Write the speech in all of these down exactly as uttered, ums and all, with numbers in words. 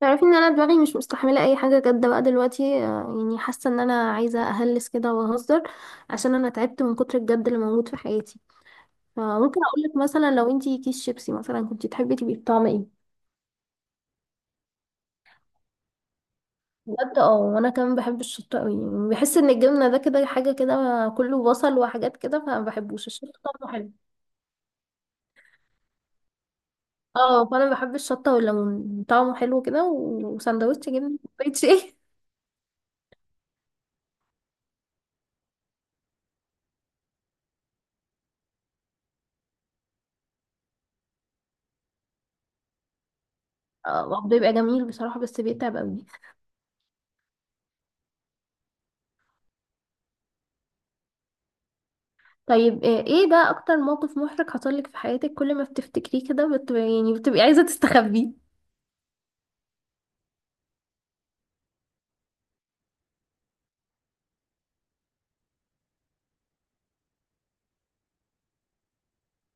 تعرفي ان انا دماغي مش مستحمله اي حاجه جد بقى دلوقتي. آه، يعني حاسه ان انا عايزه اهلس كده واهزر عشان انا تعبت من كتر الجد اللي موجود في حياتي. فممكن اقول لك مثلا لو انتي كيس شيبسي مثلا كنتي تحبي تبقي بطعم ايه؟ بجد اه، وانا كمان بحب الشطه قوي، يعني بحس ان الجبنه ده كده حاجه كده، كله بصل وحاجات كده فما بحبوش الشطه. طعمه حلو. اه، فانا بحب الشطه والليمون طعمه حلو كده و- وسندوتش جبنه كوبايه شاي. آه، بيبقى جميل بصراحه بس بيتعب قوي. طيب، آه، ايه بقى اكتر موقف محرج حصلك في حياتك كل ما بتفتكريه كده بت... يعني بتبقي عايزة تستخبيه؟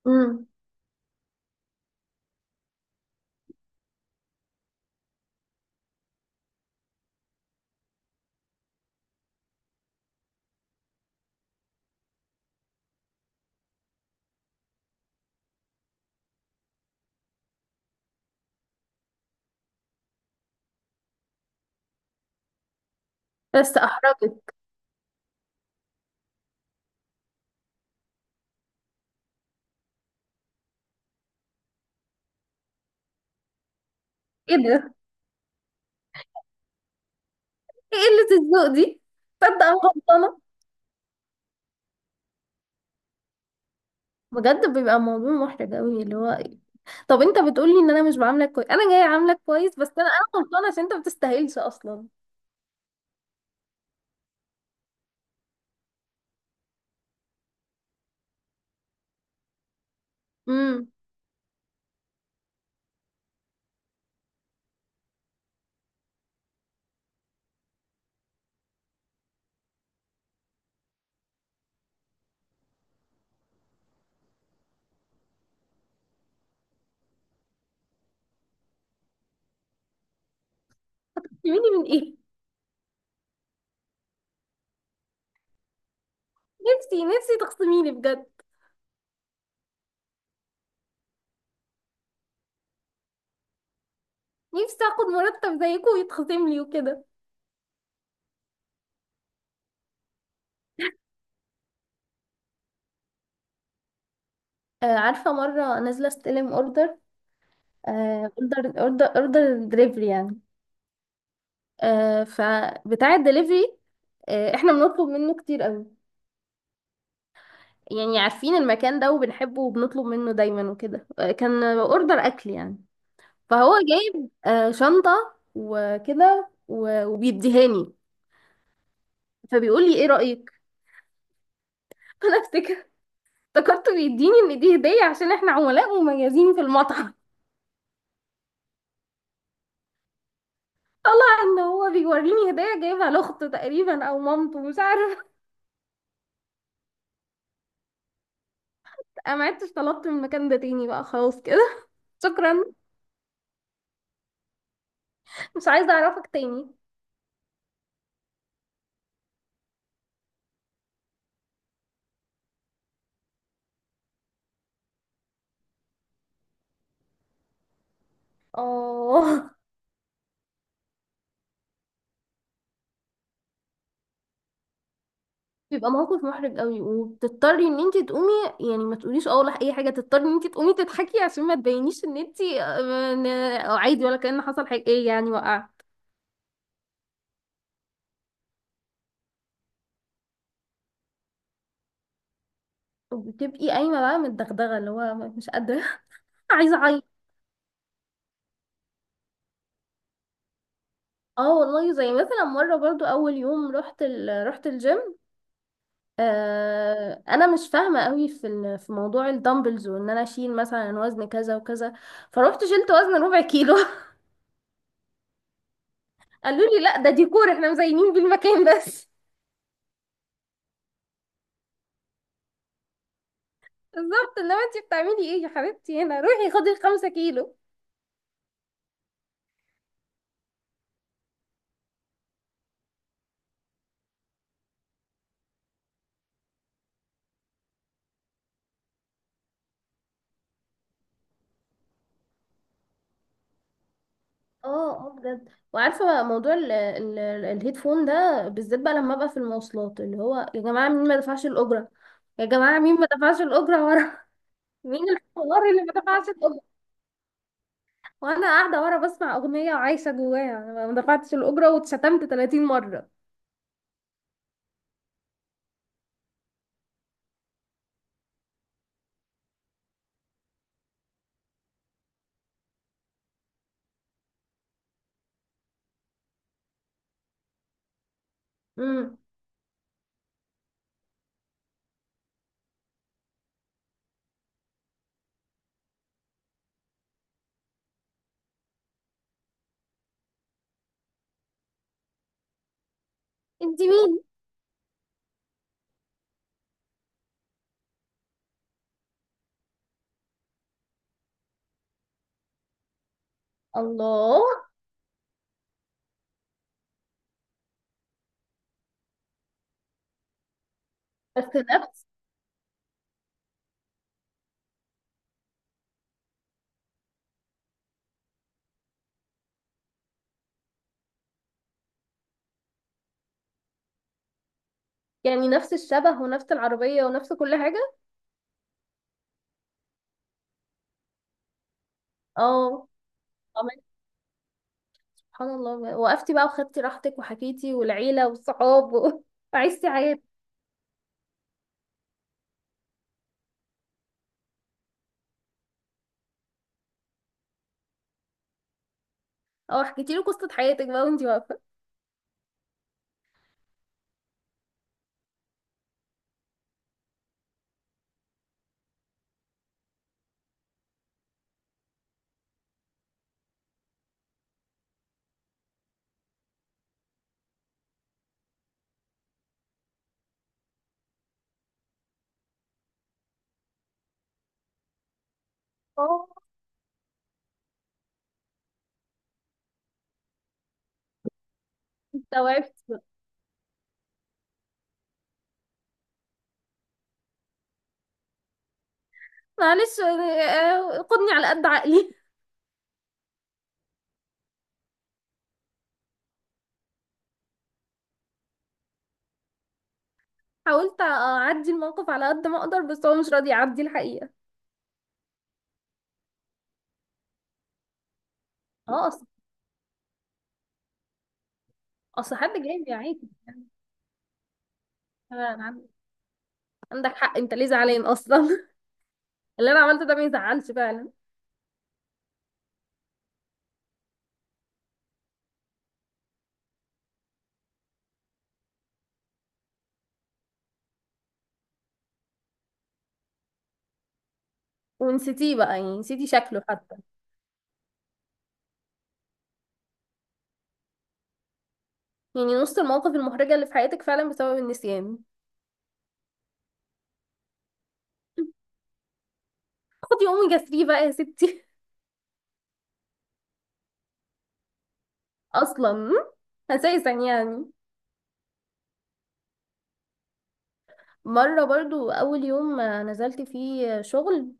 امم. بس احرجت. ايه ده؟ ايه قلة الذوق دي؟ تصدق انا غلطانة. بجد بيبقى موضوع محرج قوي اللي هو. طب انت بتقولي ان انا مش بعاملك كويس، انا جاية عاملك كويس، بس انا انا غلطانة عشان انت ما بتستاهلش اصلا. امم. تخصميني من ايه؟ نفسي نفسي تخصميني بجد. نفسي اخد مرتب زيكم ويتخصم لي وكده. آه، عارفة مرة نازلة استلم اوردر. آه، اوردر اوردر اوردر دليفري يعني. آه، فبتاع الدليفري، آه، احنا بنطلب منه كتير قوي، يعني عارفين المكان ده وبنحبه وبنطلب منه دايما وكده. آه، كان اوردر اكل يعني. فهو جايب آه، شنطة وكده و- وبيديهاني. فبيقول لي ايه رأيك. فانا افتكر، افتكرته بيديني ان دي هدية عشان احنا عملاء مميزين في المطعم. طلع ان هو بيوريني هدية جايبها لاخته تقريبا او مامته مش عارف. انا ما عدتش طلبت من المكان ده تاني بقى خلاص كده. شكرا، مش عايزة اعرفك تاني. اه. بيبقى موقف محرج قوي وبتضطري ان انت تقومي، يعني ما تقوليش اه ولا اي حاجه، تضطري ان انت تقومي تضحكي عشان ما تبينيش ان انت آه، إن- آه، عادي ولا كأن حصل حاجه، ايه يعني وقع. وبتبقي قايمه بقى متدغدغه اللي هو مش قادره. عايزه اعيط. اه والله، زي مثلا مره برضو اول يوم رحت ال... رحت الجيم. آه، انا مش فاهمه قوي في ال... في موضوع الدمبلز وان انا اشيل مثلا وزن كذا وكذا. فروحت شلت وزن ربع كيلو. قالوا لي لا ده ديكور احنا مزينين بالمكان بس. بالظبط، انما انت بتعملي ايه يا حبيبتي، هنا روحي خدي الخمسة كيلو. اه اه بجد. وعارفه موضوع ال- ال- ال- الهيدفون ده بالذات بقى لما ابقى في المواصلات، اللي هو يا جماعه مين ما دفعش الاجره، يا جماعه مين ما دفعش الاجره ورا. مين الحوار اللي ما دفعش الاجره؟ وانا قاعده ورا بسمع اغنيه وعايشه جواها أنا ما دفعتش الاجره، واتشتمت تلاتين مره. امم. انت مين؟ الله. بس نفس، يعني نفس الشبه ونفس العربيه ونفس كل حاجه. اه. عملت، سبحان الله، وقفتي بقى وخدتي راحتك وحكيتي والعيلة والصحاب و- وعشتي حياتك. اه، حكيتي له قصة حياتك بقى وانتي واقفة. اه. استوعبت بقى. معلش، آه، آه، خدني على قد عقلي. حاولت اعدي الموقف على قد ما اقدر بس هو مش راضي يعدي الحقيقة. اه، اصل، اصل حد جاي يعيك. أنا- أنا عندك حق، انت ليه زعلان اصلا؟ اللي انا عملته ده ما يزعلش فعلا. ونسيتيه بقى، يعني نسيتي شكله حتى؟ يعني نص المواقف المحرجة اللي في حياتك فعلا بسبب النسيان. خدي اوميجا تلاتة بقى يا ستي. اصلا، اساسا يعني. مره برضو اول يوم آه، نزلت فيه شغل.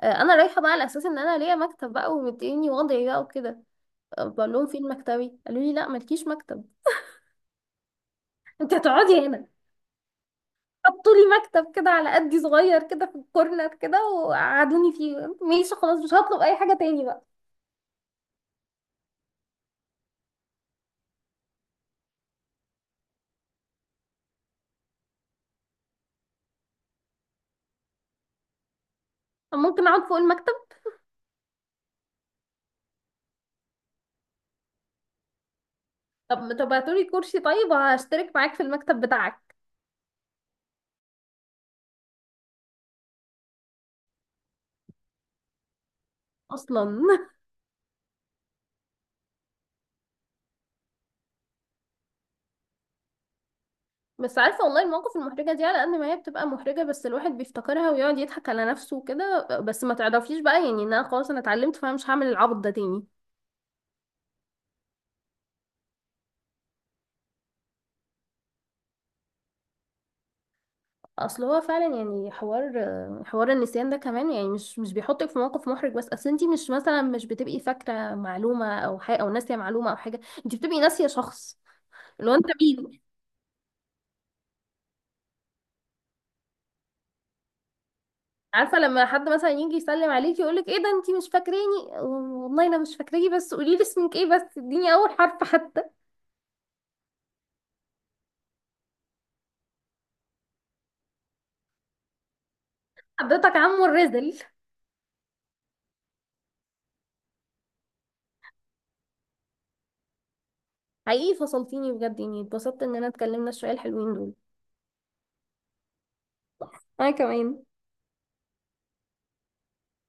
آه، انا رايحه بقى على اساس ان انا ليا مكتب بقى ومديني وضعي بقى وكده. آه، بقول لهم فين مكتبي، قالوا لي لا مالكيش مكتب، انت هتقعدي هنا. حطوا لي مكتب كده على قدي صغير كده في الكورنر كده وقعدوني فيه. ماشي خلاص مش هطلب اي حاجه تاني بقى. طب ممكن اقعد فوق المكتب؟ طب، طب هاتولي كرسي طيب، هشترك معاك في المكتب بتاعك. اصلا. بس عارفة والله، المواقف المحرجة دي على قد ما هي بتبقى محرجة بس الواحد بيفتكرها ويقعد يضحك على نفسه وكده، بس ما تعرفيش بقى يعني ان انا خلاص انا اتعلمت فانا مش هعمل العبط ده تاني. اصل هو فعلا يعني حوار، حوار النسيان ده كمان يعني مش مش بيحطك في موقف محرج بس، اصل انتي مش مثلا مش بتبقي فاكرة معلومة او حاجة او ناسية معلومة او حاجة، انتي بتبقي ناسية شخص. اللي هو انت مين. عارفة لما حد مثلا يجي يسلم عليكي يقولك ايه ده انتي مش فاكراني؟ والله انا مش فاكراكي بس قوليلي اسمك ايه، بس اديني اول حرف حتى. حضرتك عمو الرزل. حقيقي فصلتيني بجد، يعني اتبسطت ان انا اتكلمنا شوية الحلوين دول. انا كمان.